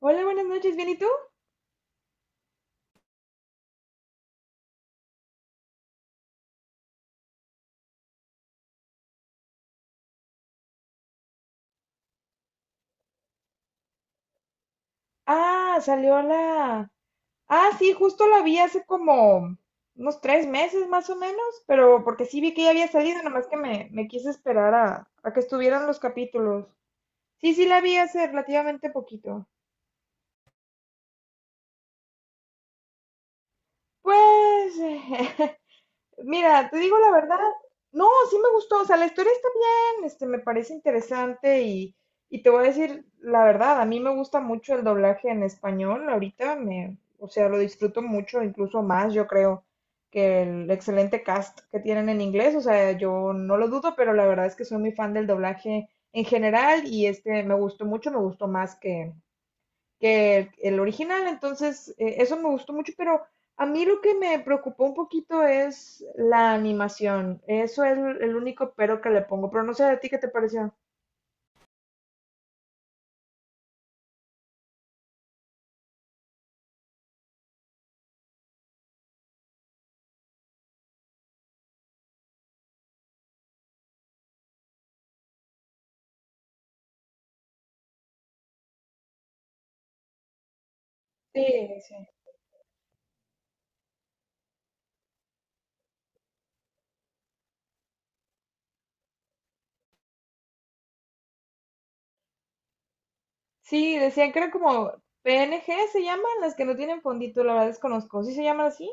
Hola, buenas noches, ¿bien y tú? Ah, salió la... Ah, sí, justo la vi hace como unos tres meses más o menos, pero porque sí vi que ya había salido, nomás que me quise esperar a que estuvieran los capítulos. Sí, sí, la vi hace relativamente poquito. Pues mira, te digo la verdad, no, sí me gustó, o sea, la historia está bien, me parece interesante y te voy a decir la verdad, a mí me gusta mucho el doblaje en español, ahorita me, o sea, lo disfruto mucho, incluso más, yo creo, que el excelente cast que tienen en inglés, o sea, yo no lo dudo, pero la verdad es que soy muy fan del doblaje en general y este me gustó mucho, me gustó más que el original, entonces eso me gustó mucho, pero a mí lo que me preocupó un poquito es la animación, eso es el único pero que le pongo, pero no sé a ti qué te pareció. Sí, sí. Sí, decían que eran como PNG se llaman, las que no tienen fondito, la verdad desconozco, ¿sí se llaman así?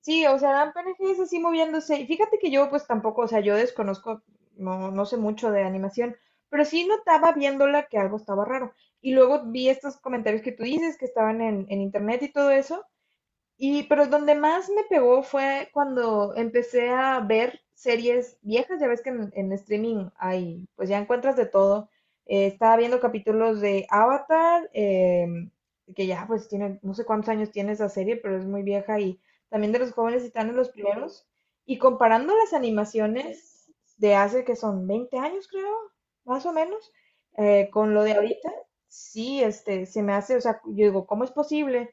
Sí, o sea, dan personajes así moviéndose. Y fíjate que yo, pues tampoco, o sea, yo desconozco, no sé mucho de animación, pero sí notaba viéndola que algo estaba raro. Y luego vi estos comentarios que tú dices que estaban en internet y todo eso, y, pero donde más me pegó fue cuando empecé a ver series viejas. Ya ves que en streaming hay, pues ya encuentras de todo. Estaba viendo capítulos de Avatar, que ya pues tiene, no sé cuántos años tiene esa serie, pero es muy vieja. Y también de los jóvenes titanes, los primeros. Y comparando las animaciones de hace que son 20 años, creo, más o menos, con lo de ahorita, sí, se me hace, o sea, yo digo, ¿cómo es posible?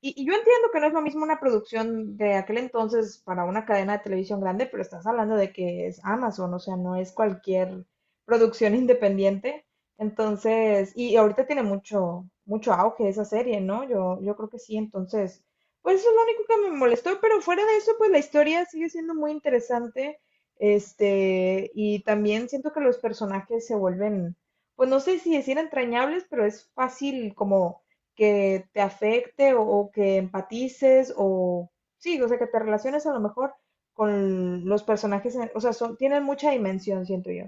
Y yo entiendo que no es lo mismo una producción de aquel entonces para una cadena de televisión grande, pero estás hablando de que es Amazon, o sea, no es cualquier producción independiente. Entonces, y ahorita tiene mucho, mucho auge esa serie, ¿no? Yo creo que sí, entonces, pues eso es lo único que me molestó, pero fuera de eso, pues la historia sigue siendo muy interesante, y también siento que los personajes se vuelven, pues no sé si decir entrañables, pero es fácil como que te afecte o que empatices o sí, o sea, que te relaciones a lo mejor con los personajes, o sea, son, tienen mucha dimensión, siento yo.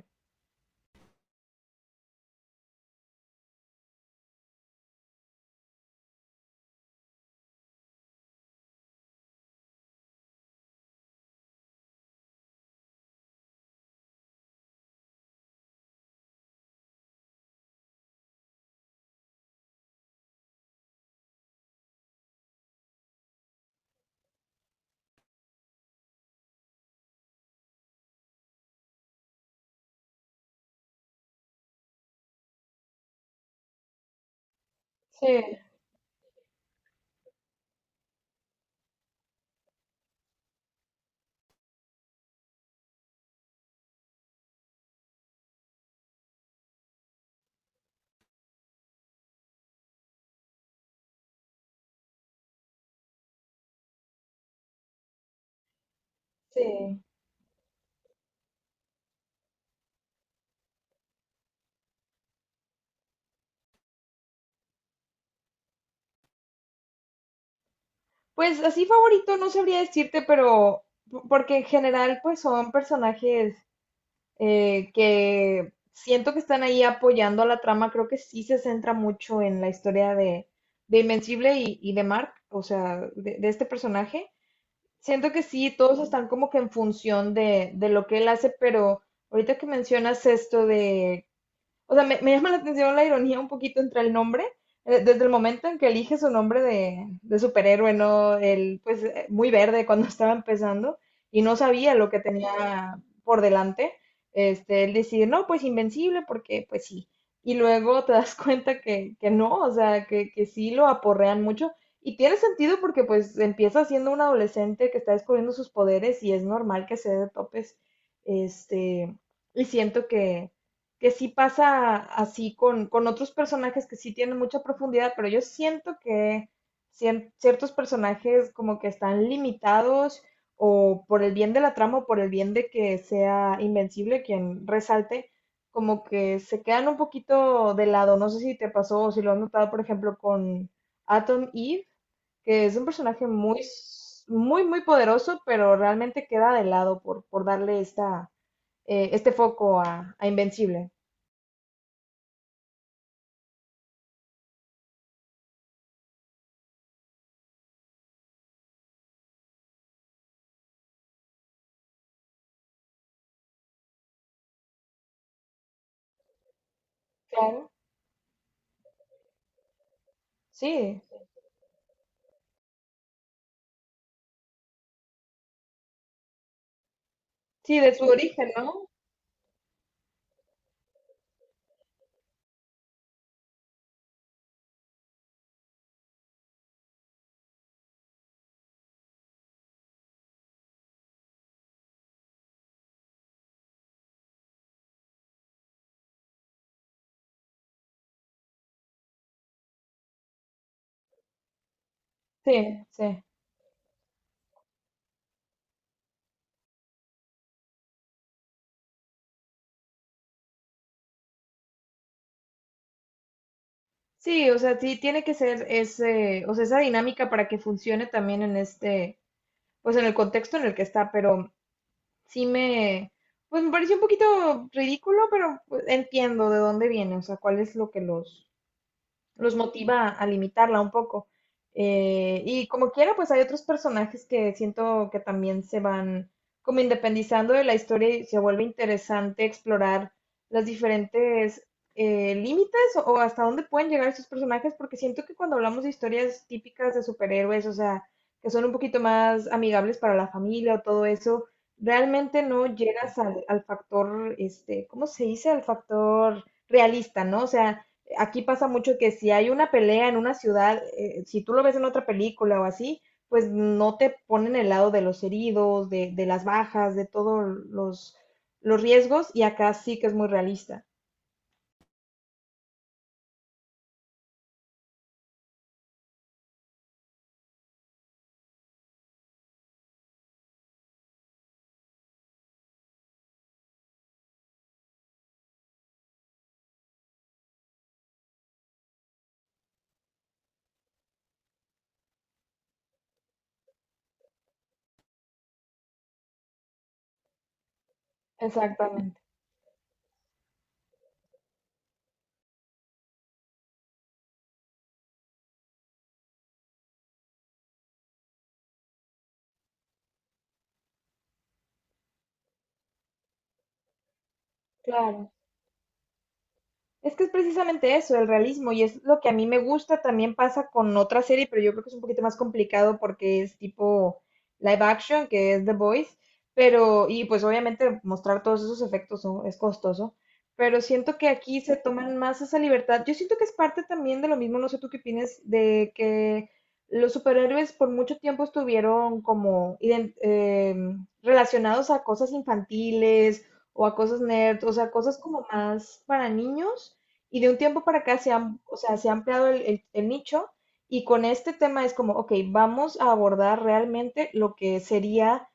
Sí, sí. Pues así favorito no sabría decirte, pero porque en general pues son personajes que siento que están ahí apoyando a la trama, creo que sí se centra mucho en la historia de Invencible y de Mark, o sea, de este personaje. Siento que sí, todos están como que en función de lo que él hace, pero ahorita que mencionas esto de o sea, me llama la atención la ironía un poquito entre el nombre, desde el momento en que elige su nombre de superhéroe, ¿no? El, pues, muy verde cuando estaba empezando y no sabía lo que tenía por delante. Él decide no, pues invencible, porque pues sí. Y luego te das cuenta que no, o sea, que sí lo aporrean mucho. Y tiene sentido porque pues empieza siendo un adolescente que está descubriendo sus poderes y es normal que se dé de topes. Este, y siento que sí pasa así con otros personajes que sí tienen mucha profundidad, pero yo siento que ciertos personajes como que están limitados o por el bien de la trama o por el bien de que sea Invencible quien resalte, como que se quedan un poquito de lado. No sé si te pasó o si lo has notado, por ejemplo, con Atom Eve, que es un personaje muy, muy poderoso, pero realmente queda de lado por darle esta, este foco a Invencible. Claro, sí, sí, de su origen, ¿no? Sí, sí. Sí, o sea, sí tiene que ser ese, o sea, esa dinámica para que funcione también en este, pues en el contexto en el que está, pero sí me, pues me pareció un poquito ridículo, pero pues, entiendo de dónde viene, o sea, cuál es lo que los motiva a limitarla un poco. Y como quiera, pues hay otros personajes que siento que también se van como independizando de la historia y se vuelve interesante explorar las diferentes límites o hasta dónde pueden llegar estos personajes, porque siento que cuando hablamos de historias típicas de superhéroes, o sea, que son un poquito más amigables para la familia o todo eso, realmente no llegas al, al factor, ¿cómo se dice? Al factor realista, ¿no? O sea, aquí pasa mucho que si hay una pelea en una ciudad, si tú lo ves en otra película o así, pues no te ponen el lado de los heridos, de las bajas, de todos los riesgos, y acá sí que es muy realista. Exactamente, claro. Es que es precisamente eso, el realismo, y es lo que a mí me gusta, también pasa con otra serie, pero yo creo que es un poquito más complicado porque es tipo live action, que es The Boys pero, y pues obviamente mostrar todos esos efectos, ¿no? Es costoso, pero siento que aquí se toman más esa libertad. Yo siento que es parte también de lo mismo, no sé tú qué opinas, de que los superhéroes por mucho tiempo estuvieron como relacionados a cosas infantiles o a cosas nerd, o sea, cosas como más para niños. Y de un tiempo para acá se han, o sea, se ha ampliado el nicho y con este tema es como, ok, vamos a abordar realmente lo que sería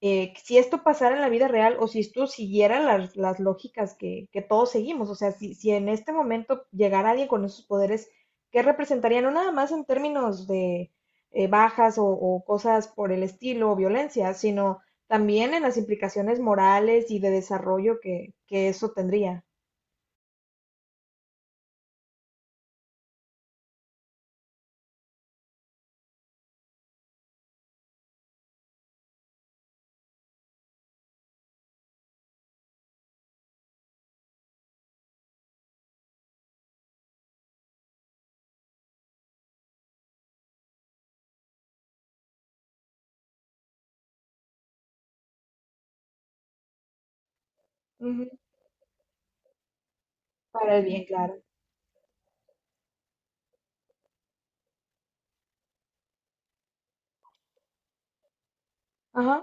si esto pasara en la vida real o si esto siguiera las lógicas que todos seguimos. O sea, si, si en este momento llegara alguien con esos poderes, ¿qué representaría? No nada más en términos de bajas o cosas por el estilo o violencia, sino también en las implicaciones morales y de desarrollo que eso tendría. Ujú. Para el bien, claro. Ajá,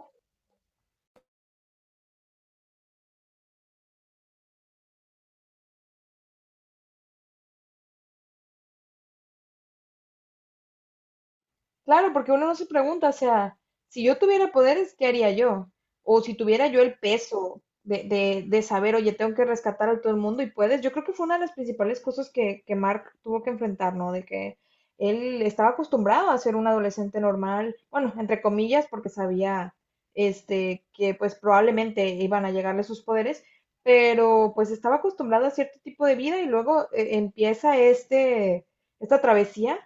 claro, porque uno no se pregunta, o sea, si yo tuviera poderes, ¿qué haría yo? O si tuviera yo el peso de saber, oye, tengo que rescatar a todo el mundo y puedes. Yo creo que fue una de las principales cosas que Mark tuvo que enfrentar, ¿no? De que él estaba acostumbrado a ser un adolescente normal, bueno, entre comillas, porque sabía, que pues probablemente iban a llegarle sus poderes, pero pues estaba acostumbrado a cierto tipo de vida y luego empieza esta travesía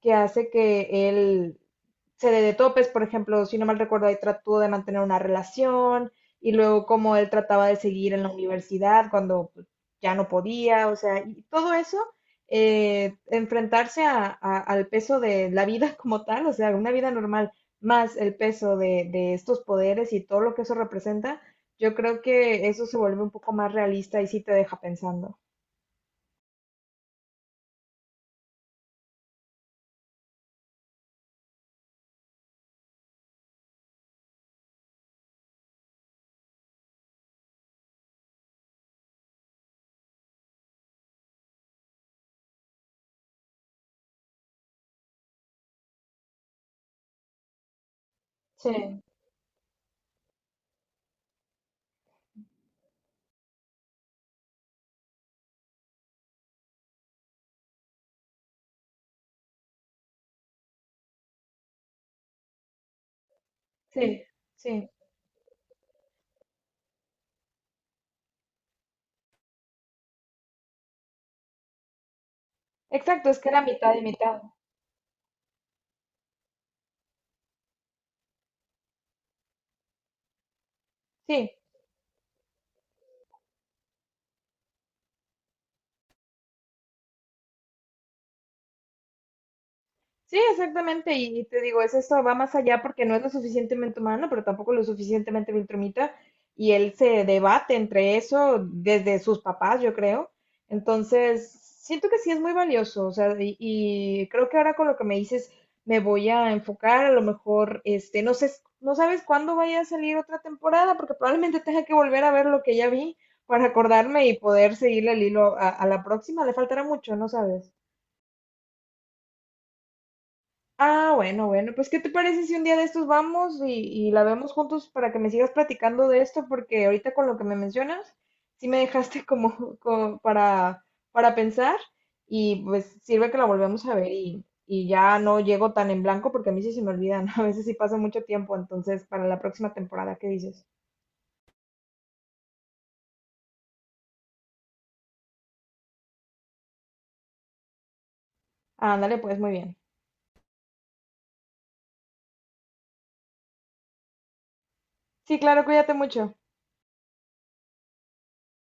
que hace que él se dé de topes, por ejemplo, si no mal recuerdo, ahí trató de mantener una relación y luego cómo él trataba de seguir en la universidad cuando pues, ya no podía, o sea, y todo eso, enfrentarse al peso de la vida como tal, o sea, una vida normal, más el peso de estos poderes y todo lo que eso representa, yo creo que eso se vuelve un poco más realista y sí te deja pensando. Sí, sí, sí. Exacto, es que era mitad y mitad. Sí. Sí, exactamente, y te digo, es esto, va más allá porque no es lo suficientemente humano, pero tampoco lo suficientemente viltrumita, y él se debate entre eso desde sus papás, yo creo. Entonces, siento que sí es muy valioso, o sea, y creo que ahora con lo que me dices, me voy a enfocar, a lo mejor, no sé, no sabes cuándo vaya a salir otra temporada, porque probablemente tenga que volver a ver lo que ya vi para acordarme y poder seguirle el hilo a la próxima, le faltará mucho, no sabes. Ah, bueno, bueno, pues ¿qué te parece si un día de estos vamos y la vemos juntos para que me sigas platicando de esto? Porque ahorita con lo que me mencionas, sí me dejaste como, como para pensar y pues sirve que la volvemos a ver y ya no llego tan en blanco porque a mí sí se me olvidan, a veces sí pasa mucho tiempo, entonces para la próxima temporada, ¿qué dices? Ándale, pues muy bien. Sí, claro, cuídate mucho.